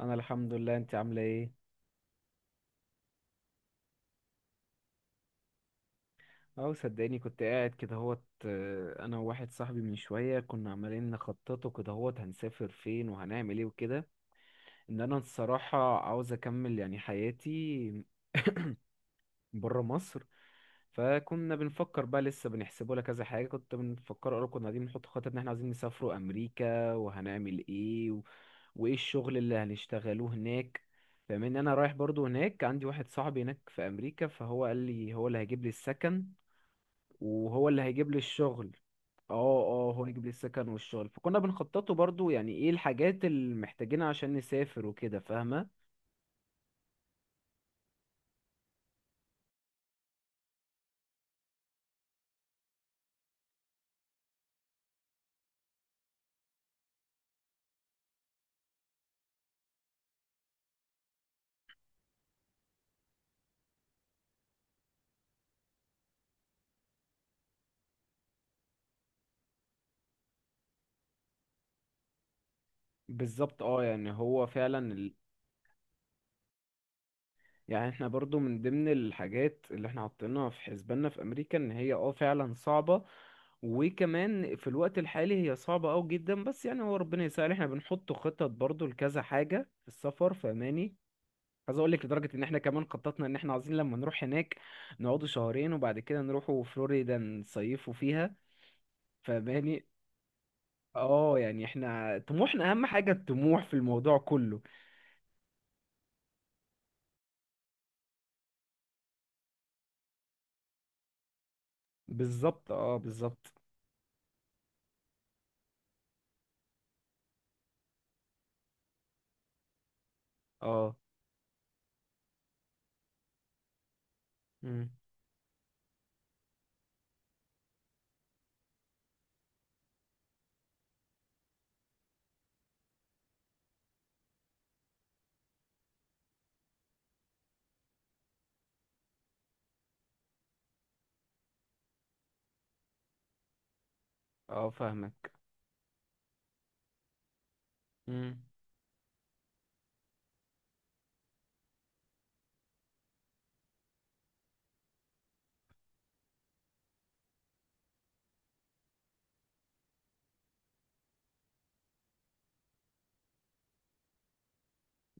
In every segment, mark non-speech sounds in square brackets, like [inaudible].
انا الحمد لله، انت عامله ايه؟ اه صدقني كنت قاعد كده هوت آه، انا وواحد صاحبي من شويه كنا عمالين نخططه كده هنسافر فين وهنعمل ايه وكده. انا الصراحه عاوز اكمل يعني حياتي [coughs] بره مصر. فكنا بنفكر بقى لسه بنحسبه لك كذا حاجه، كنت بنفكر اقول كنا قاعدين بنحط خطط ان احنا عايزين نسافروا امريكا وهنعمل ايه وايه الشغل اللي هنشتغلوه هناك. فمن انا رايح برضو هناك، عندي واحد صاحبي هناك في امريكا، فهو قال لي هو اللي هيجيب لي السكن وهو اللي هيجيب لي الشغل. اه اه، هو يجيب لي السكن والشغل، فكنا بنخططه برضو يعني ايه الحاجات اللي محتاجينها عشان نسافر وكده، فاهمة؟ بالظبط اه، يعني هو فعلا يعني احنا برضو من ضمن الحاجات اللي احنا حاطينها في حسباننا في امريكا ان هي اه فعلا صعبة. وكمان في الوقت الحالي هي صعبة اوي جدا، بس يعني هو ربنا يسهل، احنا بنحط خطط برضو لكذا حاجة في السفر، فاهماني؟ عايز اقول لك لدرجة ان احنا كمان خططنا ان احنا عايزين لما نروح هناك نقعدوا شهرين وبعد كده نروحوا فلوريدا نصيفوا فيها. فاهماني؟ اه، يعني احنا طموحنا اهم حاجة، الطموح في الموضوع كله. بالظبط اه بالظبط. اه. مم. اه فاهمك.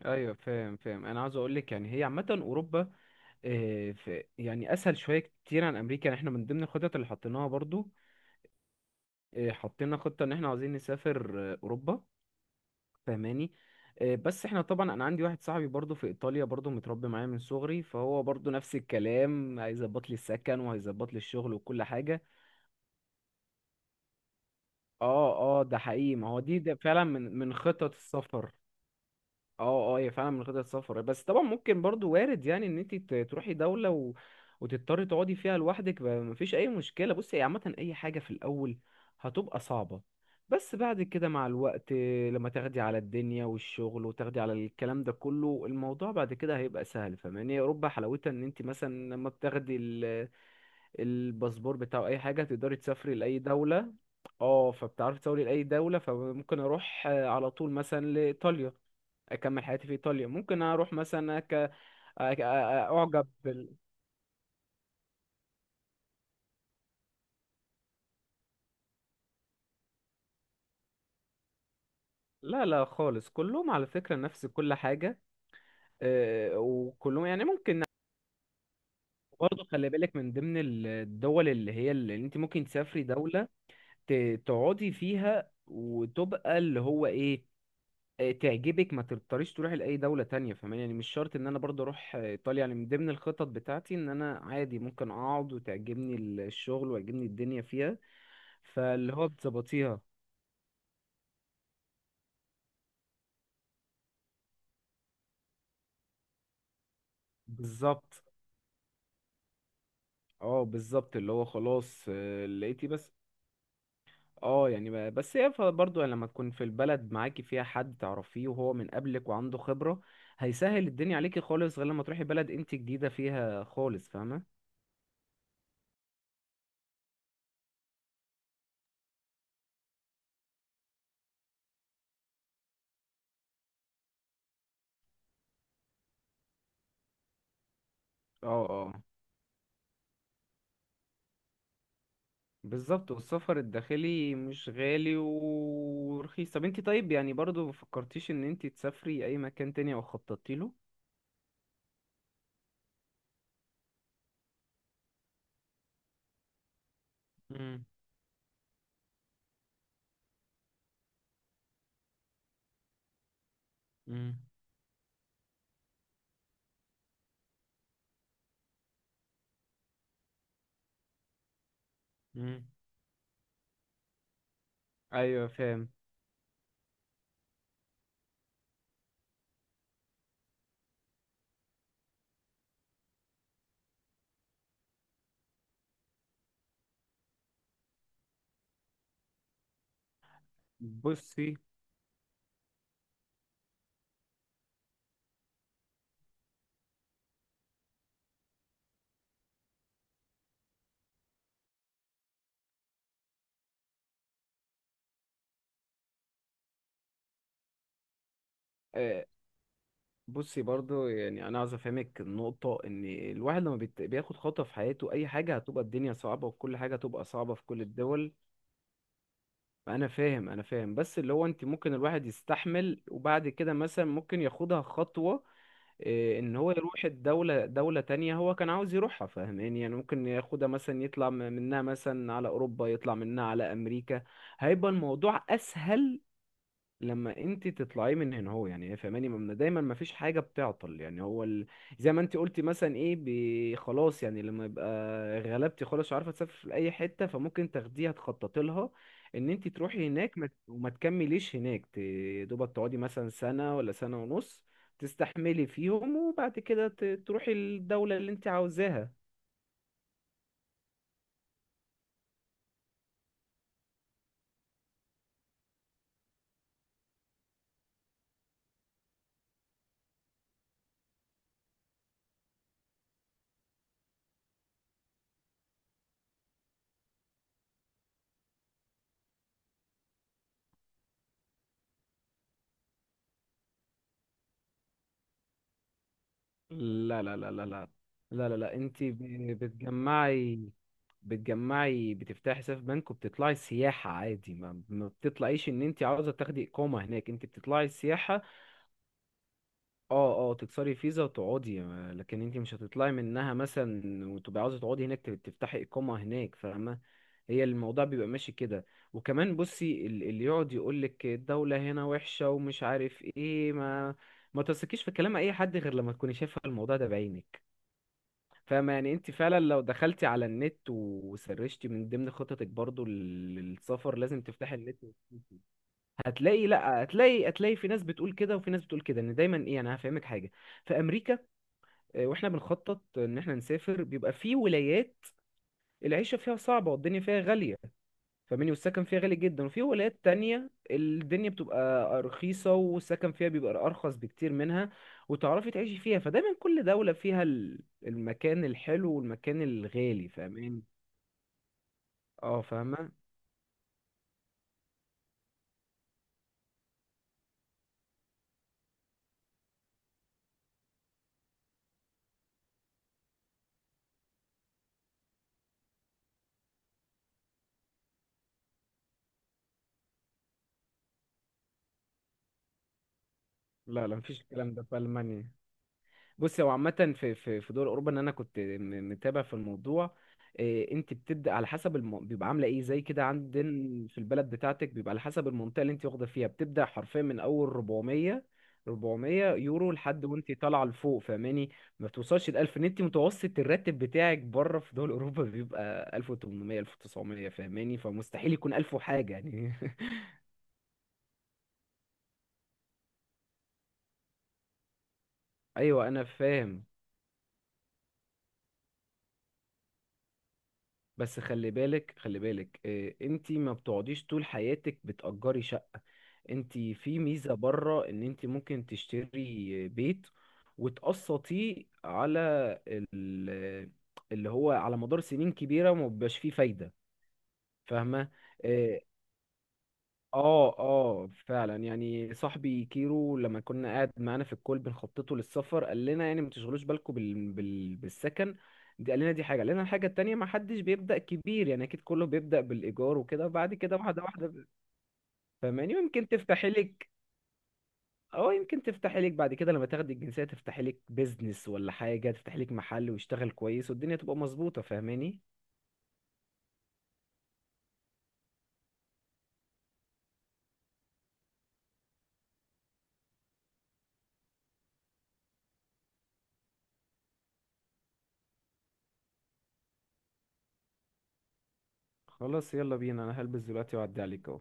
ايوه فاهم فاهم، انا عاوز اقول لك يعني هي عامه اوروبا في يعني اسهل شويه كتير عن امريكا. يعني احنا من ضمن الخطط اللي حطيناها برضو حطينا خطه ان احنا عاوزين نسافر اوروبا. فاهماني؟ بس احنا طبعا انا عندي واحد صاحبي برضو في ايطاليا، برضو متربي معايا من صغري، فهو برضو نفس الكلام، هيظبط لي السكن وهيظبط لي الشغل وكل حاجه. اه اه ده حقيقي، ما هو دي ده فعلا من خطط السفر. اه اه هي فعلا من خطط السفر، بس طبعا ممكن برضو وارد يعني ان انت تروحي دولة و وتضطري تقعدي فيها لوحدك مفيش اي مشكلة. بصي، هي عامة اي حاجة في الاول هتبقى صعبة، بس بعد كده مع الوقت لما تاخدي على الدنيا والشغل وتاخدي على الكلام ده كله، الموضوع بعد كده هيبقى سهل. فاهماني؟ اوروبا حلاوتها ان انت مثلا لما بتاخدي الباسبور بتاع اي حاجة تقدري تسافري لاي دولة. اه، فبتعرفي تسافري لاي دولة، فممكن اروح على طول مثلا لايطاليا، اكمل حياتي في ايطاليا، ممكن اروح مثلا اعجب لا لا خالص، كلهم على فكرة نفس كل حاجة. وكلهم يعني ممكن، برضه خلي بالك من ضمن الدول اللي هي اللي انت ممكن تسافري دولة تقعدي فيها وتبقى اللي هو ايه، تعجبك، ما تضطريش تروحي لأي دولة تانية. فاهماني؟ يعني مش شرط ان انا برضه اروح ايطاليا يعني، من ضمن الخطط بتاعتي ان انا عادي ممكن اقعد وتعجبني الشغل ويعجبني الدنيا فيها، فاللي هو بتظبطيها. بالظبط اه بالظبط، اللي هو خلاص لقيتي بس. اه يعني بس هي برضه يعني لما تكون في البلد معاكي فيها حد تعرفيه وهو من قبلك وعنده خبرة، هيسهل الدنيا عليكي خالص، غير لما تروحي بلد انت جديدة فيها خالص، فاهمة؟ اه اه بالظبط، والسفر الداخلي مش غالي ورخيص. طب انت طيب يعني برضه ما فكرتيش ان انت تسافري اي مكان تاني او خططتي له؟ مم. مم. مم. ايوه فاهم. بصي بصي برضو، يعني انا عاوز افهمك النقطه ان الواحد لما بياخد خطوه في حياته، اي حاجه هتبقى الدنيا صعبه وكل حاجه هتبقى صعبه في كل الدول. انا فاهم انا فاهم، بس اللي هو انت ممكن الواحد يستحمل وبعد كده مثلا ممكن ياخدها خطوه. إيه، ان هو يروح الدولة دولة تانية هو كان عاوز يروحها، فاهماني؟ يعني ممكن ياخدها مثلا يطلع منها مثلا على اوروبا، يطلع منها على امريكا، هيبقى الموضوع اسهل. لما انت تطلعي من هنا، هو يعني فاهماني، دايما ما فيش حاجه بتعطل. يعني زي ما انت قلتي مثلا ايه، خلاص يعني لما يبقى غلبتي خلاص مش عارفه تسافري لاي حته، فممكن تاخديها تخططي لها ان انت تروحي هناك ما... ت- وما تكمليش هناك، دوبك تقعدي مثلا سنه ولا سنه ونص، تستحملي فيهم، وبعد كده تروحي الدوله اللي انت عاوزاها. لا لا لا لا لا لا لا لا، انت بتجمعي، بتجمعي بتفتحي حساب بنك وبتطلعي سياحة عادي، ما بتطلعيش ان انت عاوزة تاخدي اقامة هناك، انت بتطلعي سياحة. اه اه تكسري فيزا وتقعدي، لكن انت مش هتطلعي منها مثلا وتبقي عاوزة تقعدي هناك تفتحي اقامة هناك، فاهمة؟ هي الموضوع بيبقى ماشي كده. وكمان بصي اللي يقعد يقولك الدولة هنا وحشة ومش عارف ايه، ما تثقيش في كلام اي حد غير لما تكوني شايفة الموضوع ده بعينك. فاهمة؟ يعني انت فعلا لو دخلتي على النت وسرشتي من ضمن خططك برضو للسفر، لازم تفتحي النت وتشوفي. هتلاقي، لا، هتلاقي، هتلاقي في ناس بتقول كده وفي ناس بتقول كده. ان دايما ايه، انا هفهمك حاجة. في امريكا واحنا بنخطط ان احنا نسافر، بيبقى في ولايات العيشة فيها صعبة والدنيا فيها غالية، فاهمني؟ والسكن فيها غالي جدا. وفي ولايات تانية الدنيا بتبقى رخيصة والسكن فيها بيبقى أرخص بكتير منها، وتعرفي تعيشي فيها. فدايما كل دولة فيها المكان الحلو والمكان الغالي، فاهمين؟ اه، فاهمة. لا لا، مفيش الكلام ده في ألمانيا. بص، هو عامة في دول أوروبا، إن أنا كنت متابع في الموضوع. إيه، أنت بتبدأ على حسب بيبقى عاملة إيه زي كده. عندنا في البلد بتاعتك بيبقى على حسب المنطقة اللي أنت واخدة فيها، بتبدأ حرفيا من أول 400 400 يورو لحد وأنت طالعة لفوق، فاهماني؟ ما بتوصلش ل 1000، إن أنت متوسط الراتب بتاعك بره في دول أوروبا بيبقى 1800 1900، فاهماني؟ فمستحيل يكون 1000 وحاجة يعني. [laughs] أيوه أنا فاهم، بس خلي بالك خلي بالك، إيه، انتي ما بتقعديش طول حياتك بتأجري شقة. انتي في ميزة بره ان انتي ممكن تشتري بيت وتقسطيه على ال- اللي هو على مدار سنين كبيرة وما بيبقاش فيه فايدة، فاهمة؟ آه، اه اه فعلا يعني صاحبي كيرو لما كنا قاعد معانا في الكول بنخططه للسفر قال لنا يعني ما تشغلوش بالكم بالسكن، دي قال لنا. دي حاجه قال لنا الحاجه التانيه، ما حدش بيبدا كبير، يعني اكيد كله بيبدا بالايجار وكده، وبعد كده واحده واحده فاهماني، ويمكن تفتحي لك. اه يمكن تفتحي لك بعد كده لما تاخدي الجنسيه تفتحي لك بيزنس ولا حاجه، تفتحي لك محل ويشتغل كويس والدنيا تبقى مظبوطه، فاهماني؟ خلاص، يلا بينا، انا هلبس دلوقتي واعدي عليك اهو.